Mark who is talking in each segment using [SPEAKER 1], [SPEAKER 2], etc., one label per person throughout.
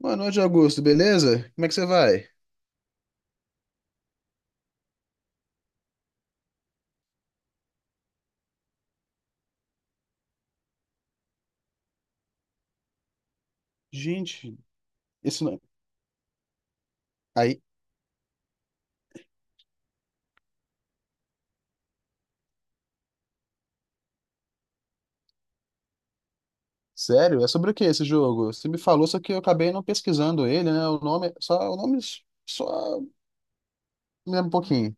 [SPEAKER 1] Boa noite, Augusto, beleza? Como é que você vai? Gente, isso não... Aí, sério? É sobre o que esse jogo? Você me falou, só que eu acabei não pesquisando ele, né? O nome só me lembra um pouquinho.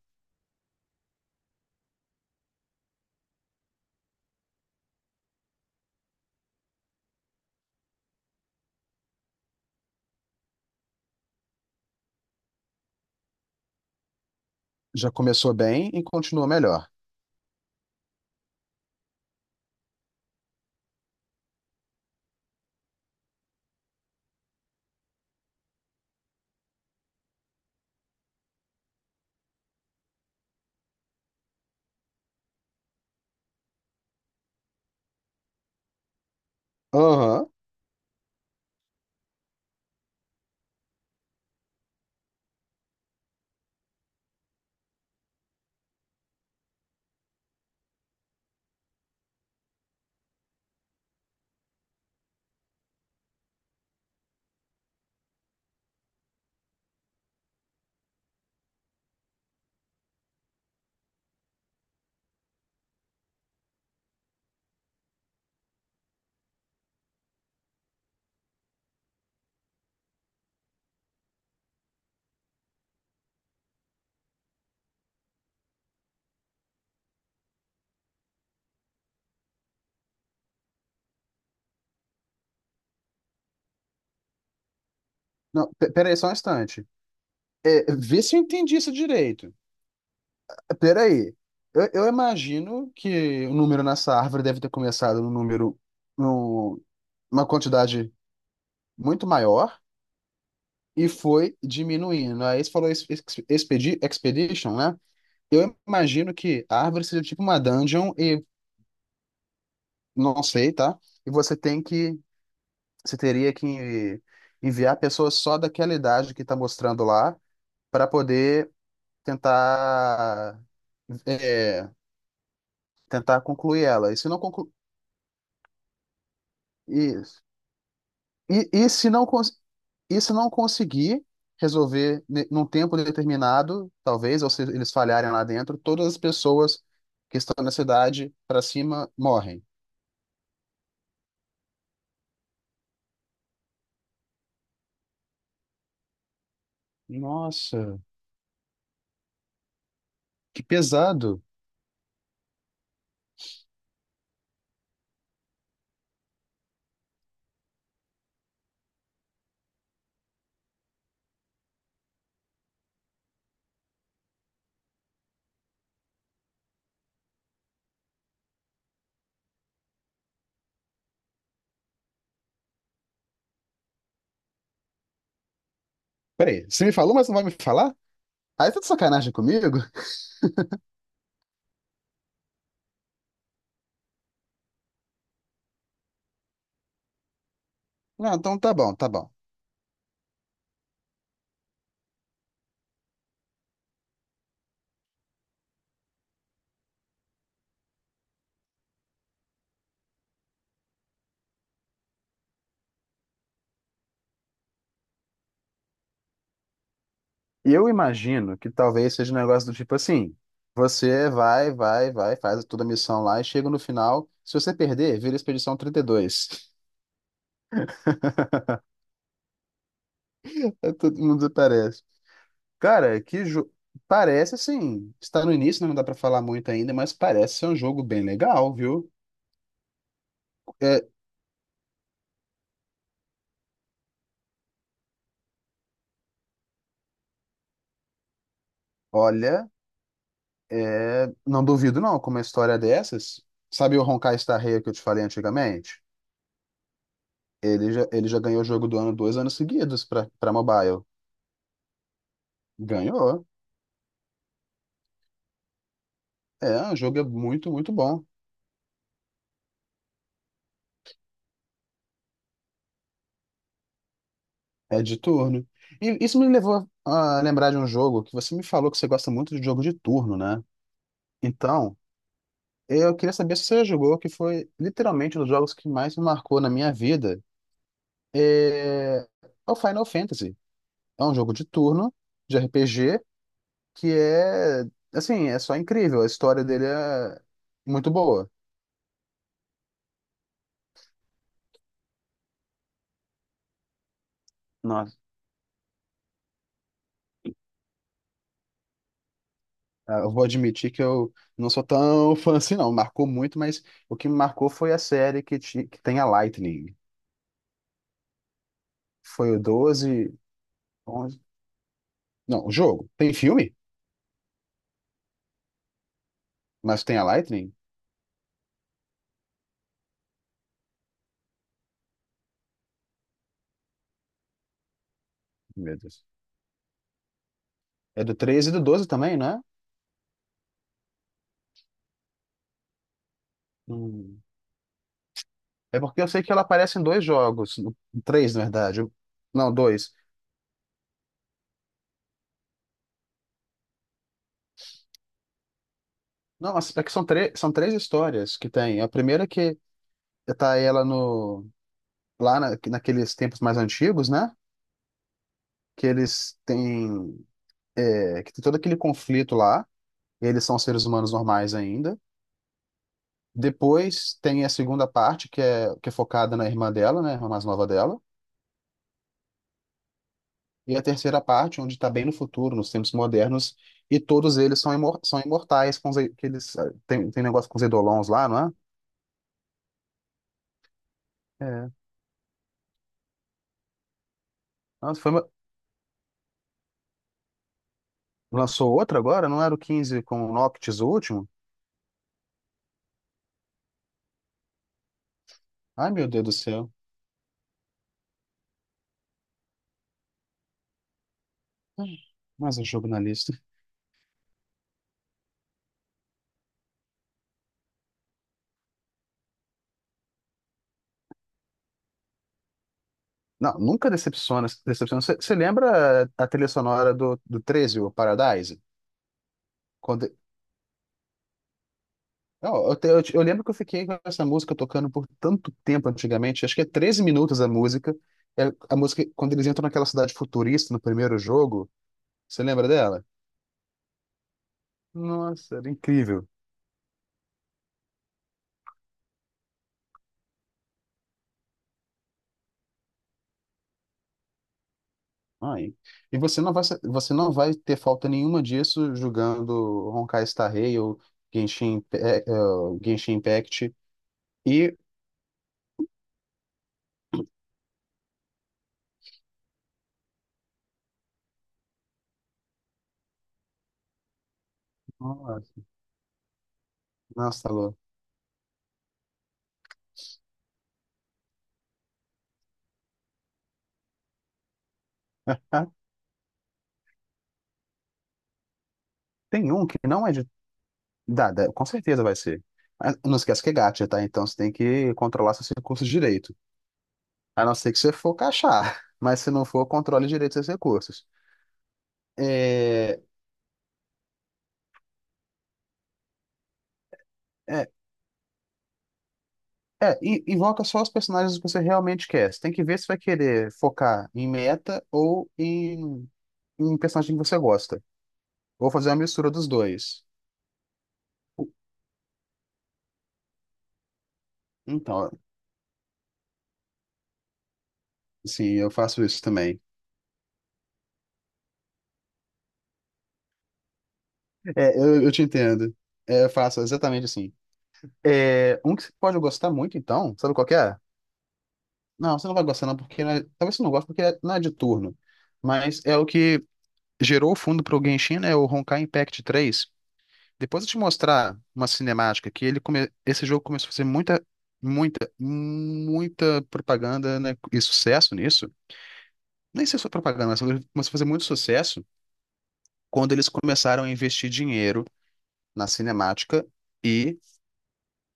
[SPEAKER 1] Já começou bem e continua melhor. Aham. Não, peraí, só um instante. É, vê se eu entendi isso direito. Peraí. Eu imagino que o número nessa árvore deve ter começado no número, num- uma quantidade muito maior. E foi diminuindo. Aí você falou Expedition, né? Eu imagino que a árvore seja tipo uma dungeon e não sei, tá? E você teria que enviar pessoas só daquela idade que tá mostrando lá para poder tentar é, tentar concluir ela. E se não concluir, isso. E, e se não, cons- e se não conseguir resolver num tempo determinado, talvez, ou se eles falharem lá dentro, todas as pessoas que estão na cidade para cima morrem. Nossa, que pesado. Peraí, você me falou, mas não vai me falar? Aí tá de sacanagem comigo? Não, então tá bom, tá bom. Eu imagino que talvez seja um negócio do tipo assim: você vai, faz toda a missão lá e chega no final. Se você perder, vira Expedição 32. Todo mundo parece. Cara, parece assim, está no início, né, não dá pra falar muito ainda, mas parece ser um jogo bem legal, viu? É, olha, não duvido não, com uma história dessas. Sabe o Honkai Star Rail que eu te falei antigamente? Ele já ganhou o jogo do ano 2 anos seguidos pra para mobile. Ganhou. É, o jogo é muito, muito bom. É de turno. E isso me levou a lembrar de um jogo que você me falou que você gosta muito de jogo de turno, né? Então, eu queria saber se você já jogou, que foi literalmente um dos jogos que mais me marcou na minha vida. É o Final Fantasy. É um jogo de turno, de RPG, que é, assim, é só incrível. A história dele é muito boa. Nossa. Ah, eu vou admitir que eu não sou tão fã assim, não. Marcou muito, mas o que me marcou foi a série que tem a Lightning. Foi o 12. 11. Não, o jogo. Tem filme, mas tem a Lightning? Meu Deus. É do 13 e do 12 também, né? É porque eu sei que ela aparece em dois jogos, três, na verdade. Não, dois. Não, mas é que são três histórias que tem. A primeira que tá ela no, lá na- naqueles tempos mais antigos, né? Que eles têm, que tem todo aquele conflito lá. Eles são seres humanos normais ainda. Depois tem a segunda parte, que é focada na irmã dela, né? A mais nova dela. E a terceira parte, onde está bem no futuro, nos tempos modernos, e todos eles são imortais, com que eles tem negócio com os Eidolons lá, não é? É. Nossa, lançou outra agora? Não era o 15 com o Noctis, o último? Ai, meu Deus do céu. Ai, mais um jogo na lista. Não, nunca decepciona. Você lembra a trilha sonora do 13 o Paradise? Quando Não, eu lembro que eu fiquei com essa música tocando por tanto tempo antigamente, acho que é 13 minutos a música. É a música quando eles entram naquela cidade futurista no primeiro jogo. Você lembra dela? Nossa, era incrível. Ai. E você não vai ter falta nenhuma disso jogando Honkai Star Rail ou Genshin, Imp- é, é, Genshin Impact. E. Nossa, nossa, Lô. Ah, tem um que não é de. Dá, com certeza vai ser. Ah, não esquece que é gacha, tá? Então você tem que controlar seus recursos direito. A não ser que você for cachar, mas se não for, controle direito seus recursos. É, é, invoca só os personagens que você realmente quer. Você tem que ver se vai querer focar em meta ou em um personagem que você gosta. Ou fazer uma mistura dos dois. Então, sim, eu faço isso também. É, eu te entendo. É, eu faço exatamente assim. É, um que você pode gostar muito, então, sabe qual que é? Não, você não vai gostar não, porque talvez você não goste porque não é de turno. Mas é o que gerou o fundo para o Genshin, né? O Honkai Impact 3. Depois eu te mostrar uma cinemática que esse jogo começou a fazer muita, muita, muita propaganda, né? E sucesso nisso. Nem sei se foi propaganda, mas ele começou a fazer muito sucesso quando eles começaram a investir dinheiro na cinemática e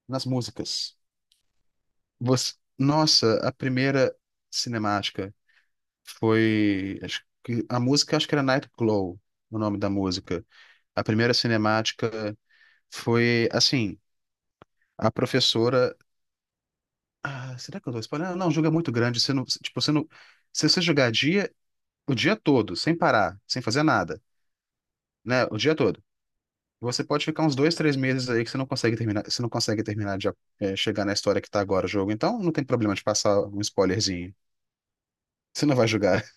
[SPEAKER 1] nas músicas. Nossa, a primeira cinemática foi. A música acho que era Night Glow, o nome da música. A primeira cinemática. Foi assim, a professora. Ah, será que eu tô spoiler? Não, o jogo é muito grande. Você não, tipo, você não, se você jogar o dia todo, sem parar, sem fazer nada, né? O dia todo. Você pode ficar uns 2, 3 meses aí que você não consegue terminar de chegar na história que tá agora o jogo. Então não tem problema de passar um spoilerzinho. Você não vai jogar.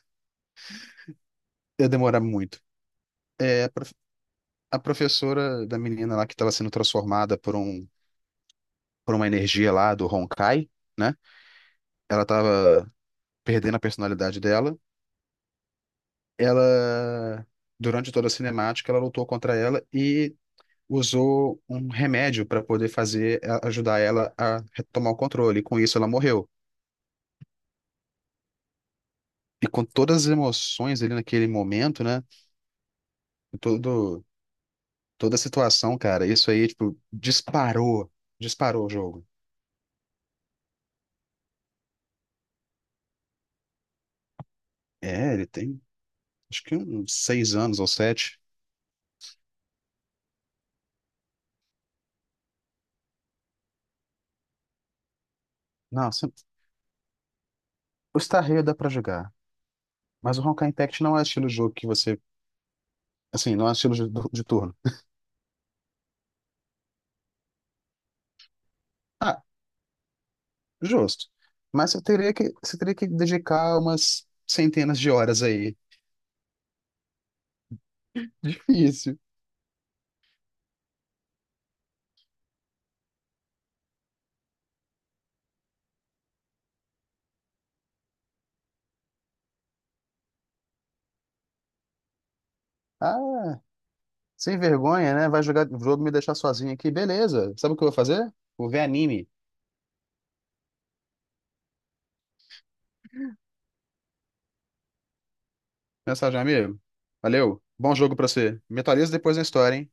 [SPEAKER 1] Ia demorar muito. É, a professora da menina lá que estava sendo transformada por uma energia lá do Honkai, né? Ela tava perdendo a personalidade dela ela, Durante toda a cinemática, ela lutou contra ela e usou um remédio para poder ajudar ela a retomar o controle. E com isso ela morreu. E com todas as emoções ali naquele momento, né? Todo, toda a situação, cara, isso aí, tipo, disparou o jogo. É, ele tem, acho que uns 6 anos ou 7. Não, o Star Rail dá pra jogar. Mas o Honkai Impact não é estilo de jogo que você, assim, não é estilo de turno. Ah, justo. Mas você teria que dedicar umas centenas de horas aí. Difícil. Ah, sem vergonha, né? Vai jogar jogo me deixar sozinho aqui. Beleza. Sabe o que eu vou fazer? Vou ver anime. Mensagem, amigo. Valeu. Bom jogo pra você. Me atualiza depois na história, hein?